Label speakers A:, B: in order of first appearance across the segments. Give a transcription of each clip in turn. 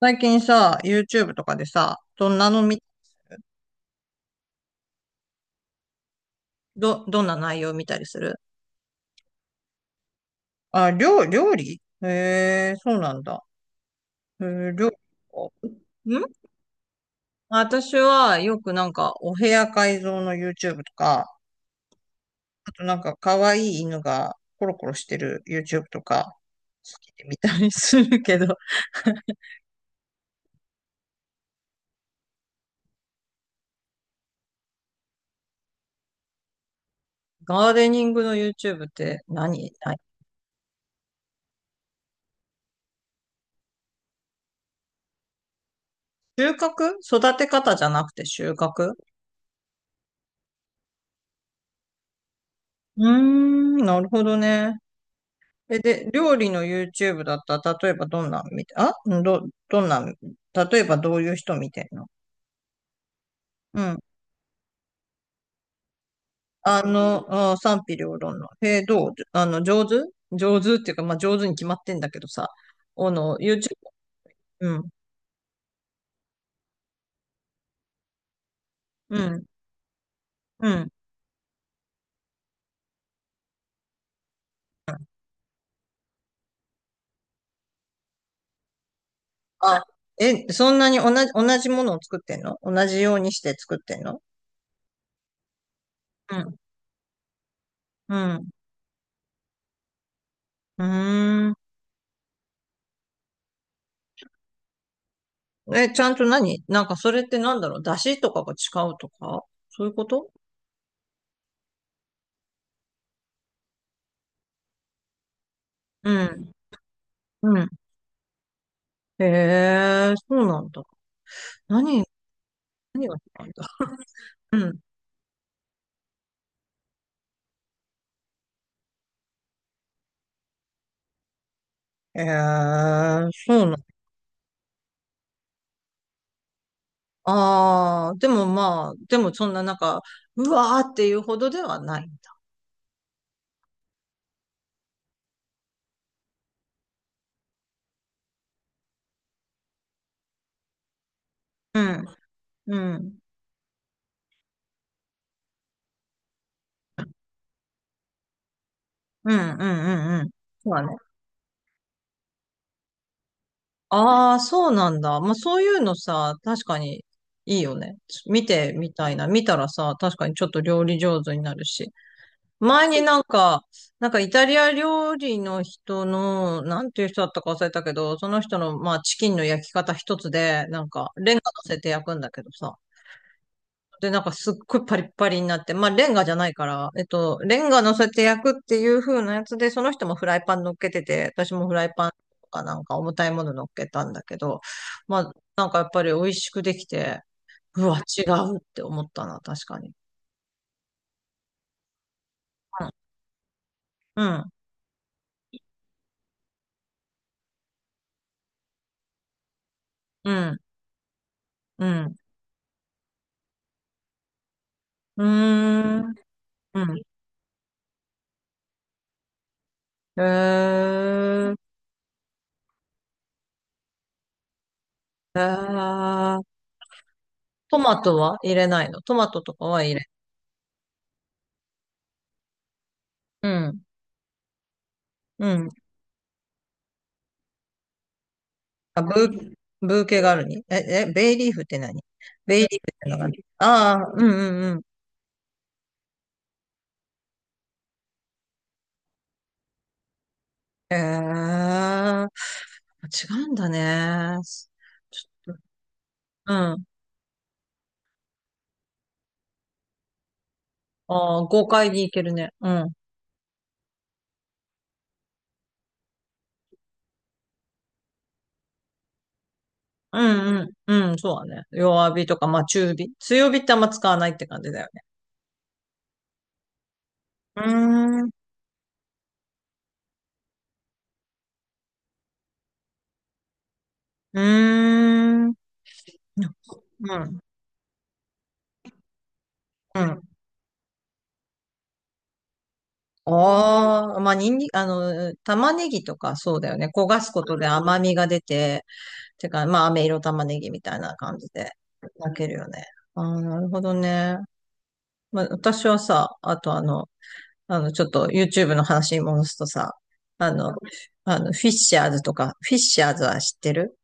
A: 最近さ、YouTube とかでさ、どんなのみ、どんな内容見たりする？あ、料理、へえ、そうなんだ。へえ、料理かん。私はよくなんかお部屋改造の YouTube とか、あとなんか可愛い犬がコロコロしてる YouTube とか、好きで見たりするけど、ガーデニングの YouTube って何？収穫？育て方じゃなくて収穫？うーん、なるほどね。え、で、料理の YouTube だったら、例えばどんなん見て、あんど、どんなん、例えばどういう人見てんの？うん。あの、あ、賛否両論の。え、どう、あの、上手、上手っていうか、まあ、上手に決まってんだけどさ、あの、YouTube、うん、うん、うん。あ、え、そんなに同じ、同じものを作ってんの？同じようにして作ってんの？うん、うん、うーん。え、ちゃんと何、なんかそれってなんだろう、出汁とかが違うとか、そういうこと？うん、うん。へえ、そうなんだ。何、何が違うんだ。うん。ええ、そうなん。ああー、でもまあ、でもそんななんか、うわーっていうほどではない。うん、うん、うん、うん、うん、うん。そうだね。ああ、そうなんだ。まあそういうのさ、確かにいいよね。見てみたいな。見たらさ、確かにちょっと料理上手になるし。前になんか、なんかイタリア料理の人の、なんていう人だったか忘れたけど、その人の、まあ、チキンの焼き方一つで、なんか、レンガ乗せて焼くんだけどさ。で、なんかすっごいパリッパリになって、まあ、レンガじゃないから、レンガ乗せて焼くっていう風なやつで、その人もフライパン乗っけてて、私もフライパンとかなんか重たいもの乗っけたんだけど、まあ、なんかやっぱり美味しくできて、うわ、違うって思ったな、確かに。うん、うん、うん、うん。うーん。うん。へえ、あー、トマトは入れないの？トマトとかは入れ。うん。うん。あ、ブーケガルニ。え、え、ベイリーフって何？ベイリーフってのがある、あー、うんうんうん。へえー、違うんだね。ちょっと、うん。ああ、豪快にいけるね。うん。うんうん。うん、そうだね。弱火とか、まあ中火。強火ってあんま使わないって感じだよね。うーん。うーん。うん。うん。ああ、まあ、にんに、あの、玉ねぎとかそうだよね。焦がすことで甘みが出て、てか、まあ、飴色玉ねぎみたいな感じで、焼けるよね。ああ、なるほどね。まあ、私はさ、あとあの、あの、ちょっと YouTube の話に戻すとさ、あの、あの、フィッシャーズとか、フィッシャーズは知ってる？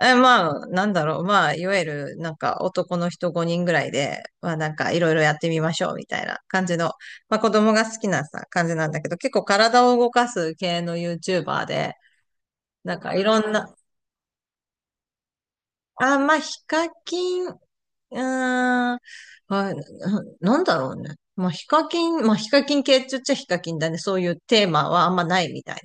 A: え、まあ、なんだろう。まあ、いわゆる、なんか、男の人5人ぐらいで、まあ、なんか、いろいろやってみましょう、みたいな感じの、まあ、子供が好きなさ、感じなんだけど、結構体を動かす系の YouTuber で、なんか、いろんな、あ、まあ、ヒカキン、うーん。あ、な、なんだろうね。まあ、ヒカキン、まあ、ヒカキン系って言っちゃヒカキンだね。そういうテーマはあんまないみたいな。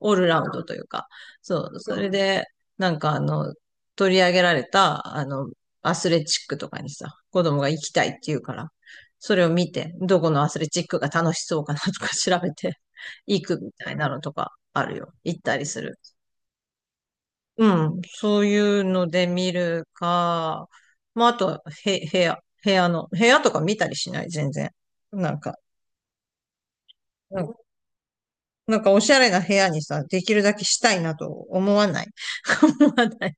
A: オールラウンドというか。そう。それで、なんかあの、取り上げられた、あの、アスレチックとかにさ、子供が行きたいって言うから、それを見て、どこのアスレチックが楽しそうかなとか調べて、行くみたいなのとかあるよ。行ったりする。うん、そういうので見るか、まあ、あとは、へ、部屋、部屋の、部屋とか見たりしない、全然。なんか、なんかなんかおしゃれな部屋にさ、できるだけしたいなと思わない。思わない。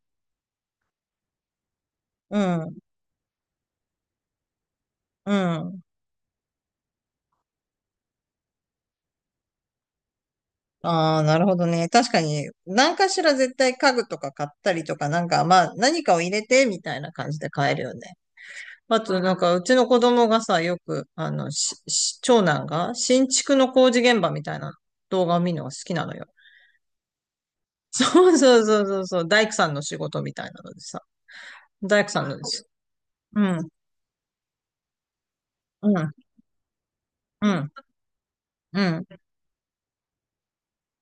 A: うん、うん。ああ、なるほどね。確かに、何かしら絶対家具とか買ったりとか、なんか、まあ、何かを入れて、みたいな感じで買えるよね。あと、なんか、うちの子供がさ、よく、あの、し長男が、新築の工事現場みたいな動画を見るのが好きなのよ。そうそうそうそうそう、大工さんの仕事みたいなのでさ、大工さんのです。うん、うん、うん、うん。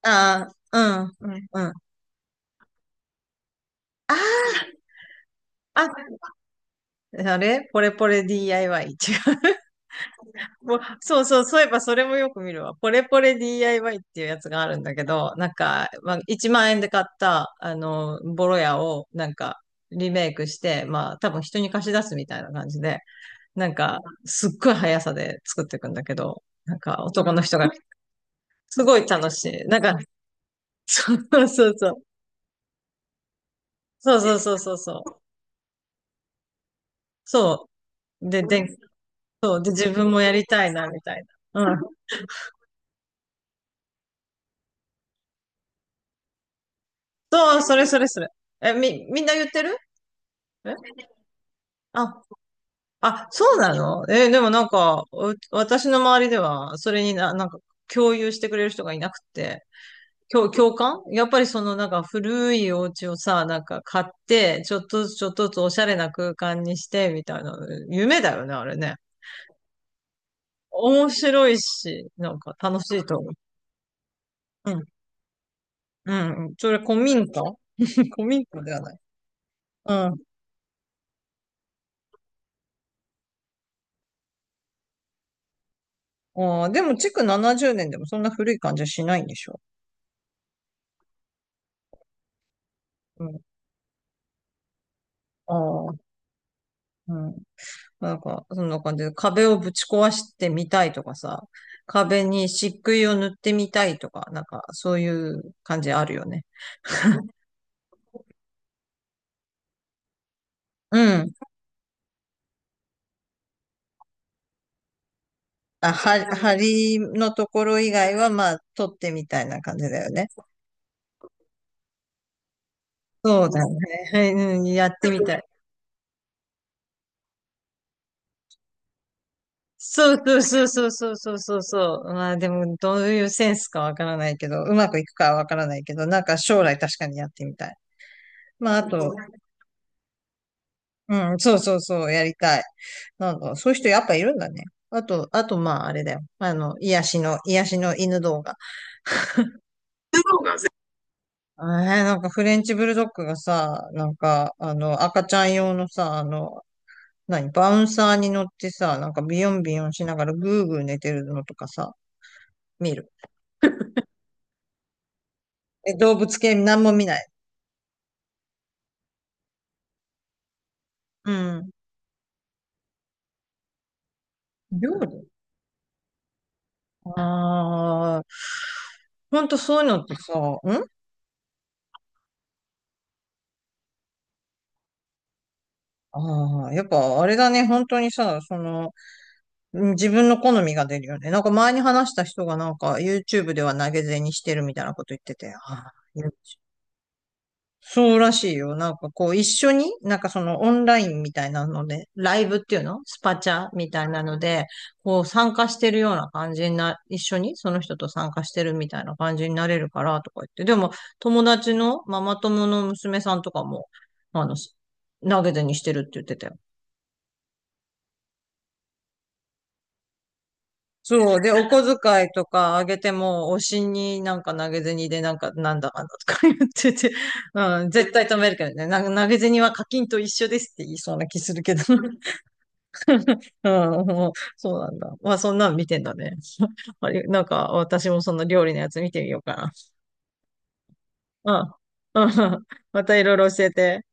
A: ああ、うん、うん、うん。あ、あれポレポレ DIY。違う。もうそうそう、そういえばそれもよく見るわ。ポレポレ DIY っていうやつがあるんだけど、なんか、まあ、1万円で買った、あの、ボロ屋を、なんか、リメイクして、まあ、多分人に貸し出すみたいな感じで、なんか、すっごい速さで作っていくんだけど、なんか、男の人が、すごい楽しい。なんか、そうそうそう。そうそうそうそうそう。そう。で、そう。で、自分もやりたいな、みたいな。うん。そう、それそれそれ。え、みんな言ってる？え、あ、あ、そうなの？え、でもなんか、う、私の周りでは、それにな、なんか、共有してくれる人がいなくて、共感、やっぱりそのなんか古いお家をさ、なんか買って、ちょっとずつちょっとずつおしゃれな空間にして、みたいな、夢だよね、あれね。面白いし、なんか楽しいと思う。うんうん。それ古民家？ 古民家ではない。うん。ああ、でも、築70年でもそんな古い感じはしないんでしょ？うん。ああ、うん。なんか、そんな感じで、壁をぶち壊してみたいとかさ、壁に漆喰を塗ってみたいとか、なんか、そういう感じあるよね。うん。あ、は、梁のところ以外は、まあ、取ってみたいな感じだよね。そうだね。はい、うん、やってみたい。そうそうそうそうそうそうそう、まあでも、どういうセンスかわからないけど、うまくいくかはわからないけど、なんか将来確かにやってみたい。まああと、うん、そうそうそう、やりたい。なんか、そういう人やっぱいるんだね。あと、あとまああれだよ。あの、癒しの、癒しの犬動画。えー、なんかフレンチブルドッグがさ、なんか、あの、赤ちゃん用のさ、あの、何、バウンサーに乗ってさ、なんかビヨンビヨンしながらグーグー寝てるのとかさ、見る。え、動物系なんも見ない？うん。料理、ああー、ほんとそういうのってさ、ん、ああー、やっぱあれだね、本当にさ、その、うん、自分の好みが出るよね。なんか前に話した人がなんか YouTube では投げ銭してるみたいなこと言ってて、あ、あ、そうらしいよ。なんかこう、一緒に、なんかそのオンラインみたいなので、ライブっていうのスパチャみたいなので、こう参加してるような感じにな、一緒にその人と参加してるみたいな感じになれるからとか言って、でも友達のママ友の娘さんとかも、あの、投げ銭してるって言ってたよ。そう。で、お小遣いとかあげても、推しになんか投げ銭でなんか、なんだかんだとか言ってて、うん、絶対止めるけどね。なんか投げ銭は課金と一緒ですって言いそうな気するけど。うん、もうそうなんだ。まあ、そんなん見てんだね。あれ、なんか、私もその料理のやつ見てみようかな。うん。うん。またいろいろ教えて。